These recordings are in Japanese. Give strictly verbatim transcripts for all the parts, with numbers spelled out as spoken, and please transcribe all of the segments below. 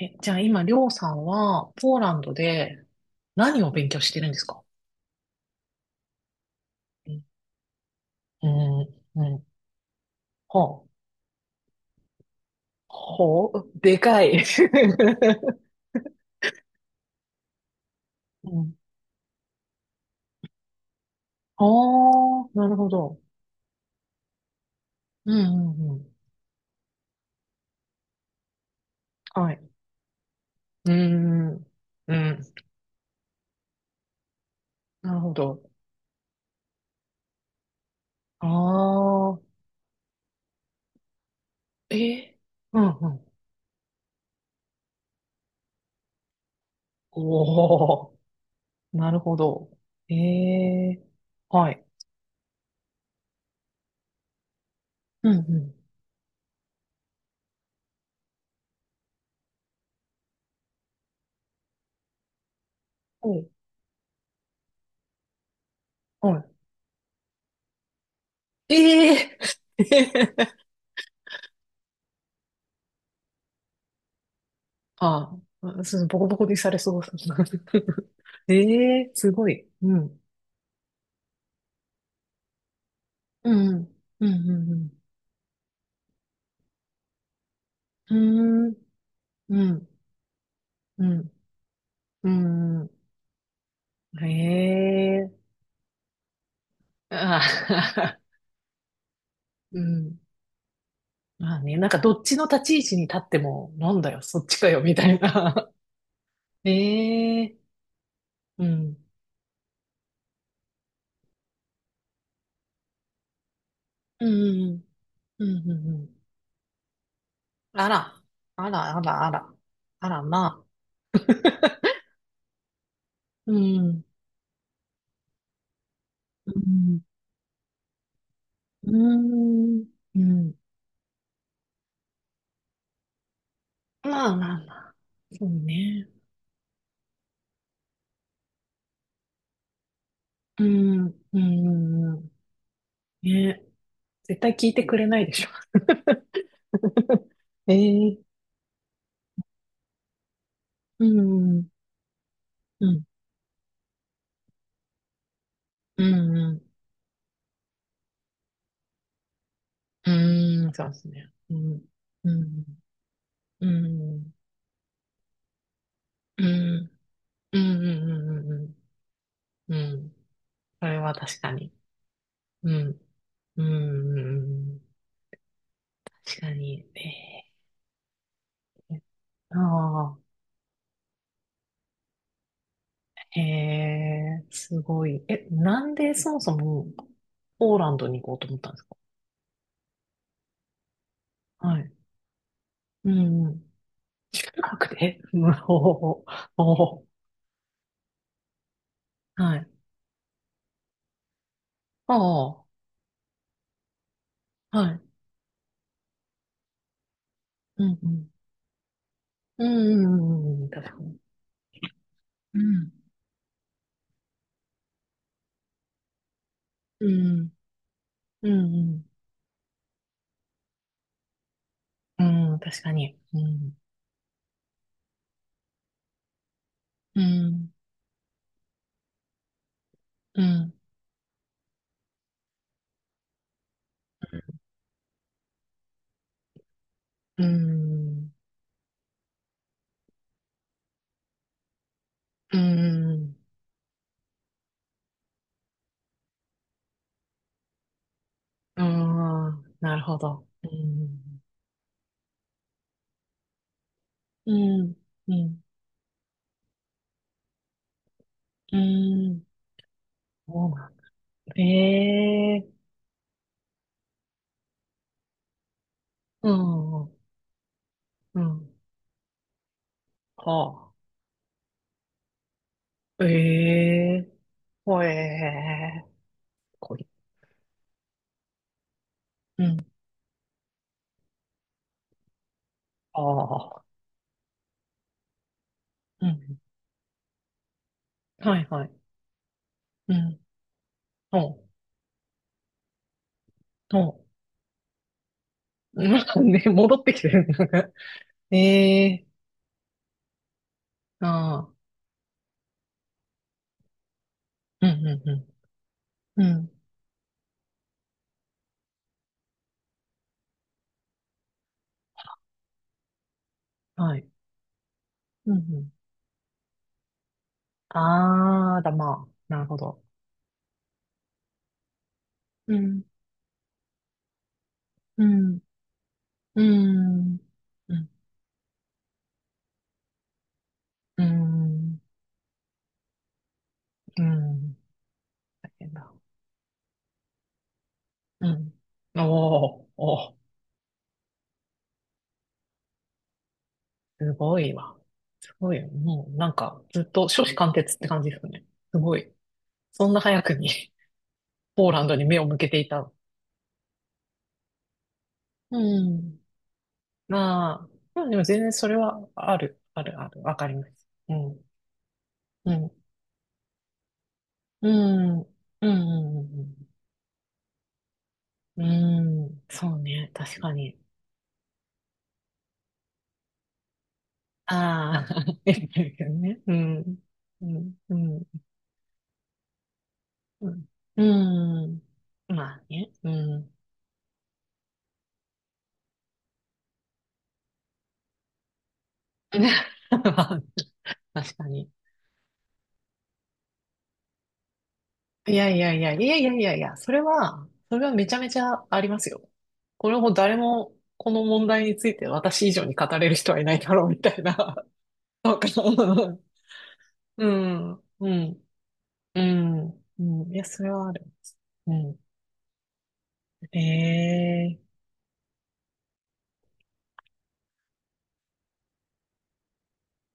え、じゃあ今、りょうさんは、ポーランドで何を勉強してるんですか？うん、うん、はあ、ほう、でかい。うん。ああ、なるほど。うん、うん、うん。はい。うん、うん、なるほど。ああ、えー、うん、うん。おー、なるほど。ええ、はい。うん、うん。はい。はい。ええー ああ、そう、ボコボコにされそう。ええ、すごい。うん。うん。うん。うん。うん。うん。うん。うんうん、ええ、ああ、うん。まあね、なんかどっちの立ち位置に立っても、なんだよ、そっちかよ、みたいな。ええ、うん。うん。うん。うん。うんうん、あら。あら、あら、あら。あら、まあ。うん。うん。うん。うん。まあまあまあ、そうね。うん、うん、うん、ね。絶対聞いてくれないでしょ。ええ、うん、うん、うん、うん、うん、そうですね。うん、うん、うん、うん、うん、うん、うん、うん、うん、それは確かに。うん、うん、うん、確かに。ええ、ああ、へえ、すごい。え、なんでそもそもポーランドに行こうと思ったんですか？はい。うん、確定。無法。おー、はい。ああ、はい。うん、うん。うん、うん、うん、うん、確かに。うん、うん、うん、うん、うん、確かに。うん、うん、うん、うん、うん、うん、なるほど。うん、うん、うん、うん、そうなんだ。ええ、うん、うん、はあ。ええ、ほえー、こい。うん、ああ。うん。はいはい。うん。ほう。ほう。うん ね、戻ってきてる。ええー。ああ。うんうん、うん。うん。はい。うんうん。ああ、だ、まあ。なるほど。うん。うん。うん。うん。うん。うん。大変だ。うん。おーおー、すごいわ。すごいよ。もうなんか、ずっと初志貫徹って感じですね。すごい。そんな早くに ポーランドに目を向けていた。うん。まあ、まあでも全然それはある、ある、ある、わかります。うん、うん、うん、うん、うん、うん、うんうん、そうね、確かに。ああ、ですよね。うん、うん、うん、うん、うん、まあね、うん。確かに。いやいやいや、いやいやいやいや、それは、それはめちゃめちゃありますよ。これも誰も、この問題について私以上に語れる人はいないだろう、みたいな。そうか。うん。うん。うん。うん。いや、それはある。うん。へえ。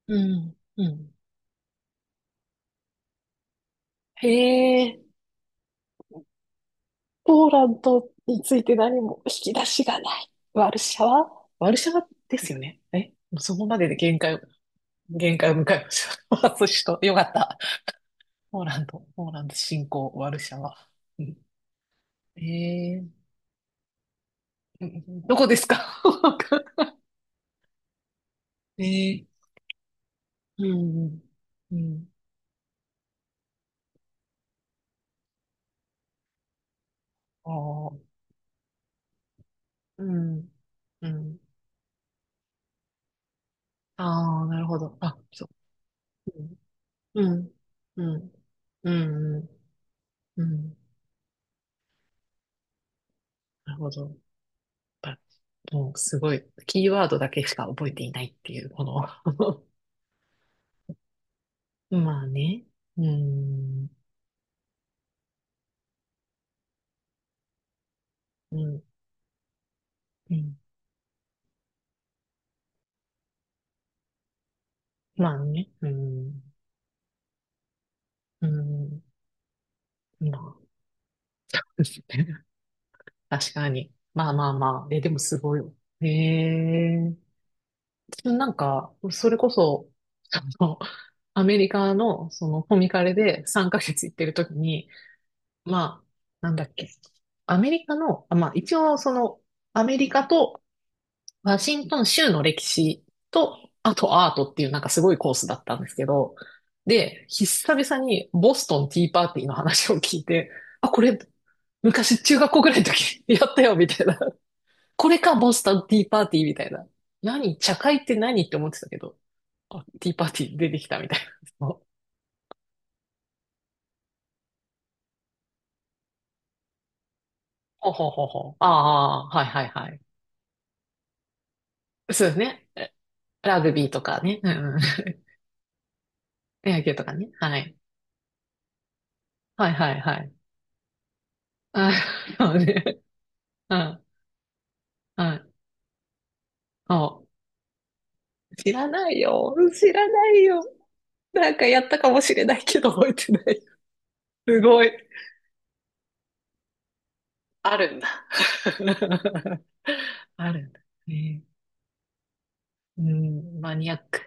うん。うん。へえ。ポーランドについて何も引き出しがない。ワルシャワ、ワルシャワですよね。え、もうそこまでで限界を、限界を迎えました。私と、よかった。ポーランド、ポーランド侵攻、ワルシャワ。うん、えー、うん、どこですか？ えー、うん、うん。ああ、うん。うん。ああ、なるほど。あ、そう。うん。うん。うん。うん。うん、なるほど。やっぱもうすごい、キーワードだけしか覚えていないっていう、この まあね。うん。うん。うん。まあね。うん。うん。まあ。確かに。まあまあまあ。え、でもすごい。へえ。なんか、それこそ、あの、アメリカの、その、コミカレでさんかげつ行ってる時に、まあ、なんだっけ、アメリカの、あ、まあ、一応、その、アメリカとワシントン州の歴史と、あとアートっていう、なんかすごいコースだったんですけど、で、久々にボストンティーパーティーの話を聞いて、あ、これ、昔中学校ぐらいの時 やったよ、みたいな。これか、ボストンティーパーティーみたいな。何、茶会って何って思ってたけど、あ、ティーパーティー出てきたみたいな。ほうほうほうほう。ああ、はいはいはい。そうですね。え、ラグビーとかね。うんうん。野球とかね。はい。はいはいはい。あ、そうね。うん、うん。そう。知らないよ。知らないよ。なんかやったかもしれないけど覚えてない。すごい。あるんだ。あるんだ。ね、うん、マニアック。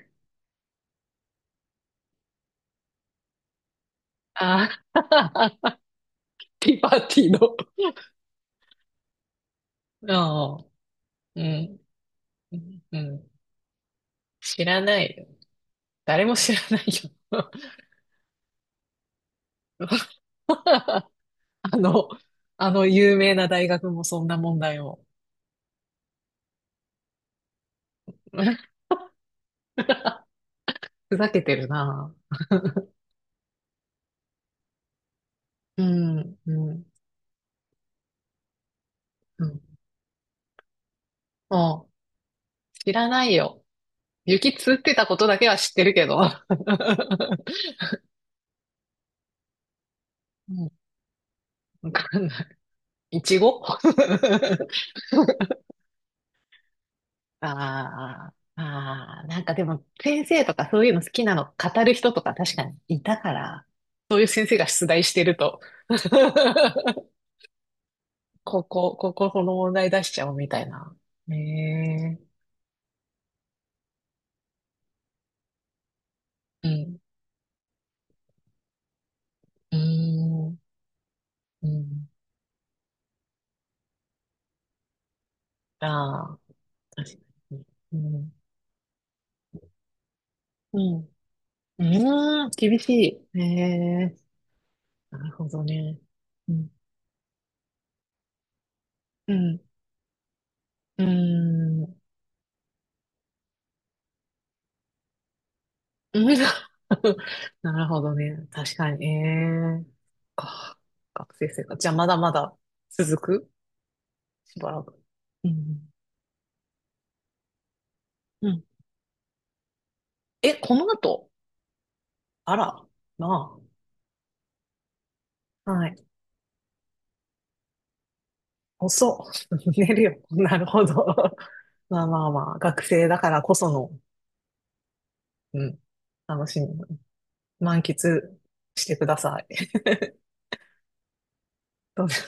ああ、ティーパーティーの。ああ、うん。うん。うん。知らないよ。誰も知らないよ。あの、あの有名な大学もそんな問題を。ふざけてるな。うん、うん、うん。もう、知らないよ。雪積ってたことだけは知ってるけど。うん、わかんない。いちご ああ、ああ、なんかでも先生とかそういうの好きなの語る人とか確かにいたから、そういう先生が出題してると ここ、ここ、この問題出しちゃおうみたいな。ね、え。うん。うーん。うん。ああ、確かに。うん。うん。うーん、厳しい。ね、え。なるほどね。うん。うん。うーん。うん なるほどね。確かに。ええ。か。学生生活。じゃあ、まだまだ続くしばらく。うん。うん。え、この後？あら、なあ。はい。遅っ。寝るよ。なるほど。まあまあまあ、学生だからこその、うん、楽しみ。満喫してください。どうぞ